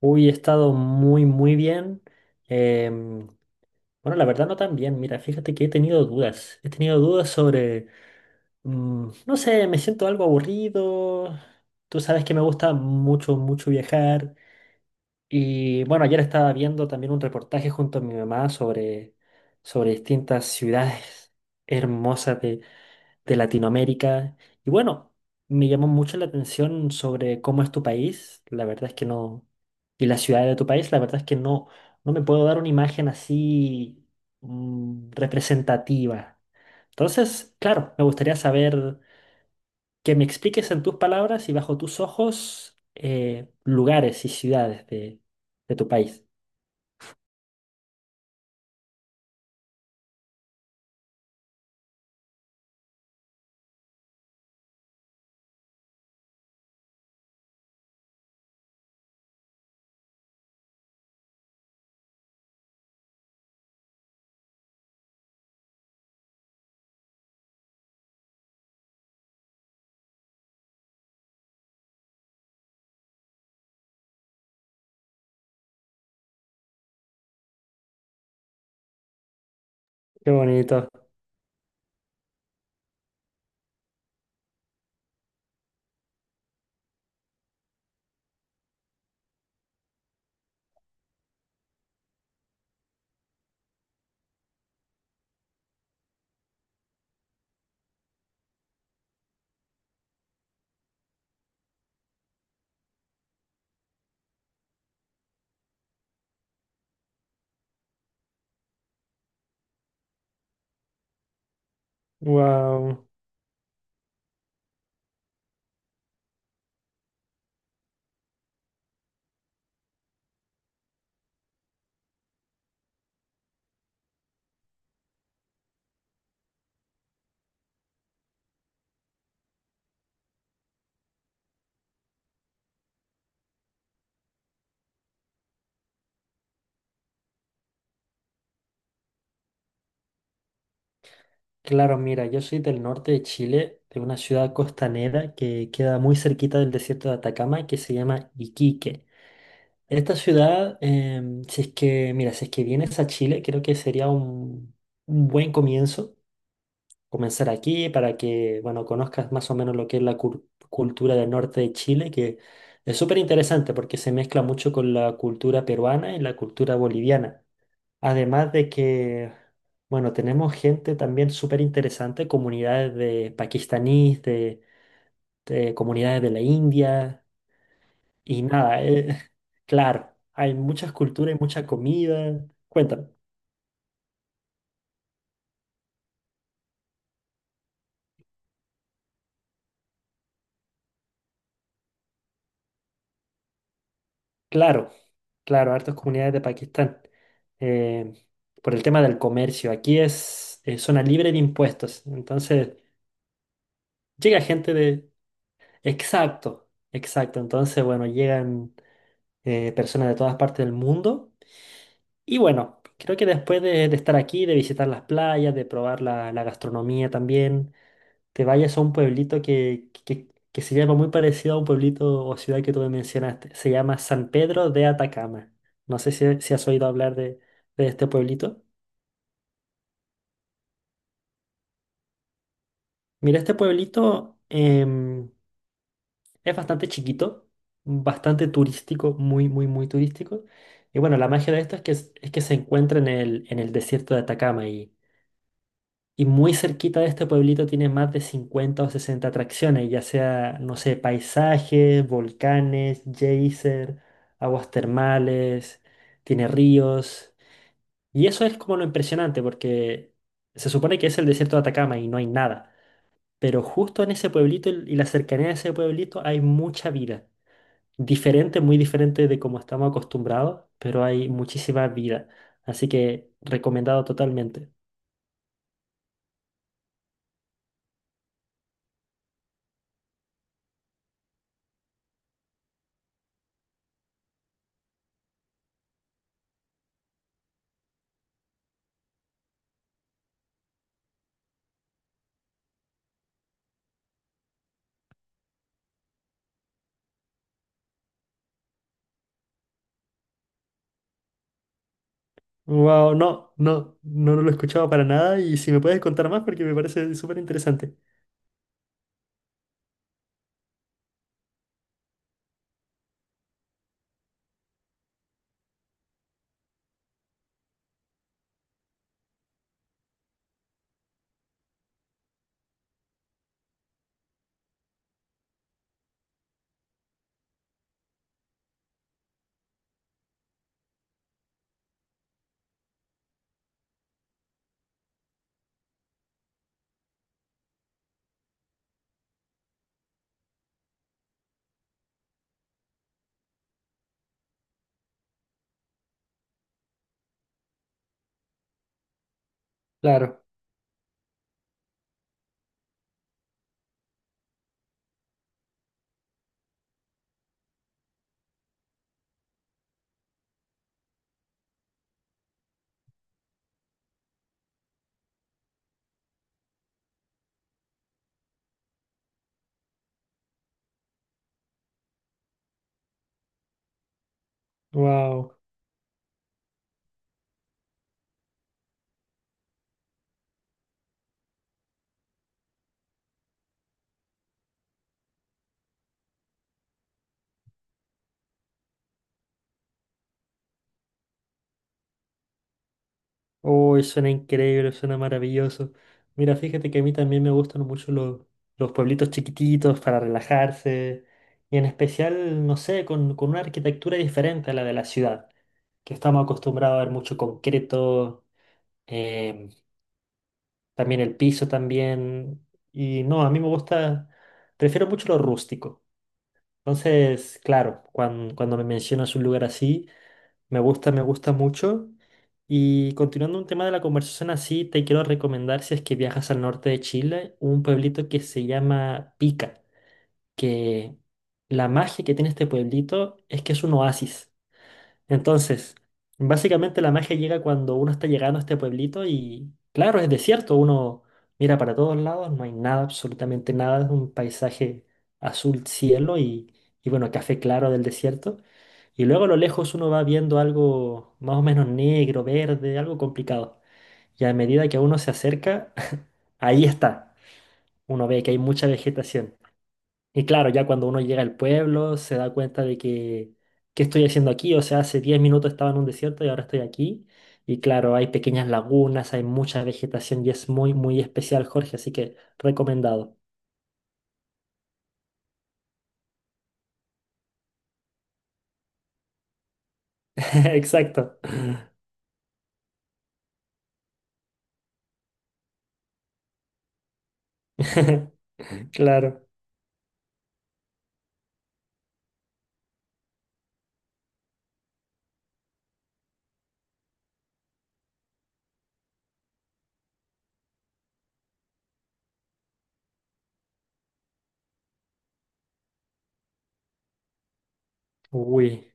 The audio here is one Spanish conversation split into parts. Uy, he estado muy, muy bien. Em, bueno, la verdad no tan bien. Mira, fíjate que he tenido dudas. He tenido dudas sobre, no sé, me siento algo aburrido. Tú sabes que me gusta mucho, mucho viajar. Y bueno, ayer estaba viendo también un reportaje junto a mi mamá sobre distintas ciudades hermosas de Latinoamérica. Y bueno, me llamó mucho la atención sobre cómo es tu país. La verdad es que no. Y las ciudades de tu país, la verdad es que no, no me puedo dar una imagen así, representativa. Entonces, claro, me gustaría saber que me expliques en tus palabras y bajo tus ojos lugares y ciudades de tu país. Qué bonito. Wow. Claro, mira, yo soy del norte de Chile, de una ciudad costanera que queda muy cerquita del desierto de Atacama, que se llama Iquique. Esta ciudad, si es que, mira, si es que vienes a Chile, creo que sería un buen comienzo comenzar aquí para que, bueno, conozcas más o menos lo que es la cultura del norte de Chile, que es súper interesante porque se mezcla mucho con la cultura peruana y la cultura boliviana. Además de que, bueno, tenemos gente también súper interesante, comunidades de pakistaníes, de comunidades de la India. Y nada, claro, hay muchas culturas y mucha comida. Cuéntame. Claro, claro, hartas comunidades de Pakistán. Eh, por el tema del comercio, aquí es zona libre de impuestos. Entonces, llega gente de... Exacto, exacto. Entonces, bueno, llegan personas de todas partes del mundo. Y bueno, creo que después de estar aquí, de visitar las playas, de probar la gastronomía también te vayas a un pueblito que se llama muy parecido a un pueblito o ciudad que tú me mencionaste. Se llama San Pedro de Atacama. No sé si has oído hablar de de este pueblito. Mira, este pueblito es bastante chiquito, bastante turístico, muy, muy, muy turístico. Y bueno, la magia de esto es que es que se encuentra en en el desierto de Atacama. Y muy cerquita de este pueblito tiene más de 50 o 60 atracciones, ya sea, no sé, paisajes, volcanes, geyser, aguas termales, tiene ríos. Y eso es como lo impresionante, porque se supone que es el desierto de Atacama y no hay nada. Pero justo en ese pueblito y la cercanía de ese pueblito hay mucha vida. Diferente, muy diferente de como estamos acostumbrados, pero hay muchísima vida. Así que recomendado totalmente. Wow, no, no, no, no lo he escuchado para nada y si me puedes contar más porque me parece súper interesante. Claro, wow. Uy, suena increíble, suena maravilloso. Mira, fíjate que a mí también me gustan mucho los pueblitos chiquititos para relajarse y en especial, no sé, con una arquitectura diferente a la de la ciudad, que estamos acostumbrados a ver mucho concreto, em, también el piso también y no, a mí me gusta, prefiero mucho lo rústico. Entonces, claro, cuando me mencionas un lugar así, me gusta mucho. Y continuando un tema de la conversación así, te quiero recomendar, si es que viajas al norte de Chile, un pueblito que se llama Pica, que la magia que tiene este pueblito es que es un oasis. Entonces, básicamente la magia llega cuando uno está llegando a este pueblito y, claro, es desierto, uno mira para todos lados, no hay nada, absolutamente nada, es un paisaje azul cielo y bueno, café claro del desierto. Y luego a lo lejos uno va viendo algo más o menos negro, verde, algo complicado. Y a medida que uno se acerca, ahí está. Uno ve que hay mucha vegetación. Y claro, ya cuando uno llega al pueblo se da cuenta de que, ¿qué estoy haciendo aquí? O sea, hace 10 minutos estaba en un desierto y ahora estoy aquí. Y claro, hay pequeñas lagunas, hay mucha vegetación y es muy, muy especial, Jorge, así que recomendado. Exacto. Claro. Uy,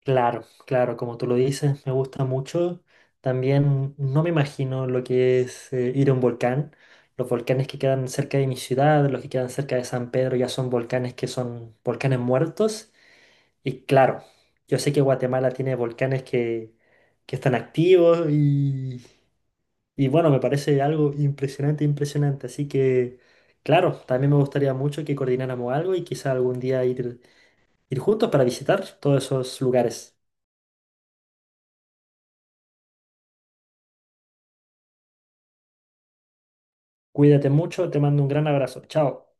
claro, claro, como tú lo dices, me gusta mucho. También no me imagino lo que es ir a un volcán. Los volcanes que quedan cerca de mi ciudad, los que quedan cerca de San Pedro, ya son volcanes que son volcanes muertos. Y claro, yo sé que Guatemala tiene volcanes que están activos y bueno, me parece algo impresionante, impresionante. Así que, claro, también me gustaría mucho que coordináramos algo y quizá algún día ir juntos para visitar todos esos lugares. Cuídate mucho, te mando un gran abrazo. Chao.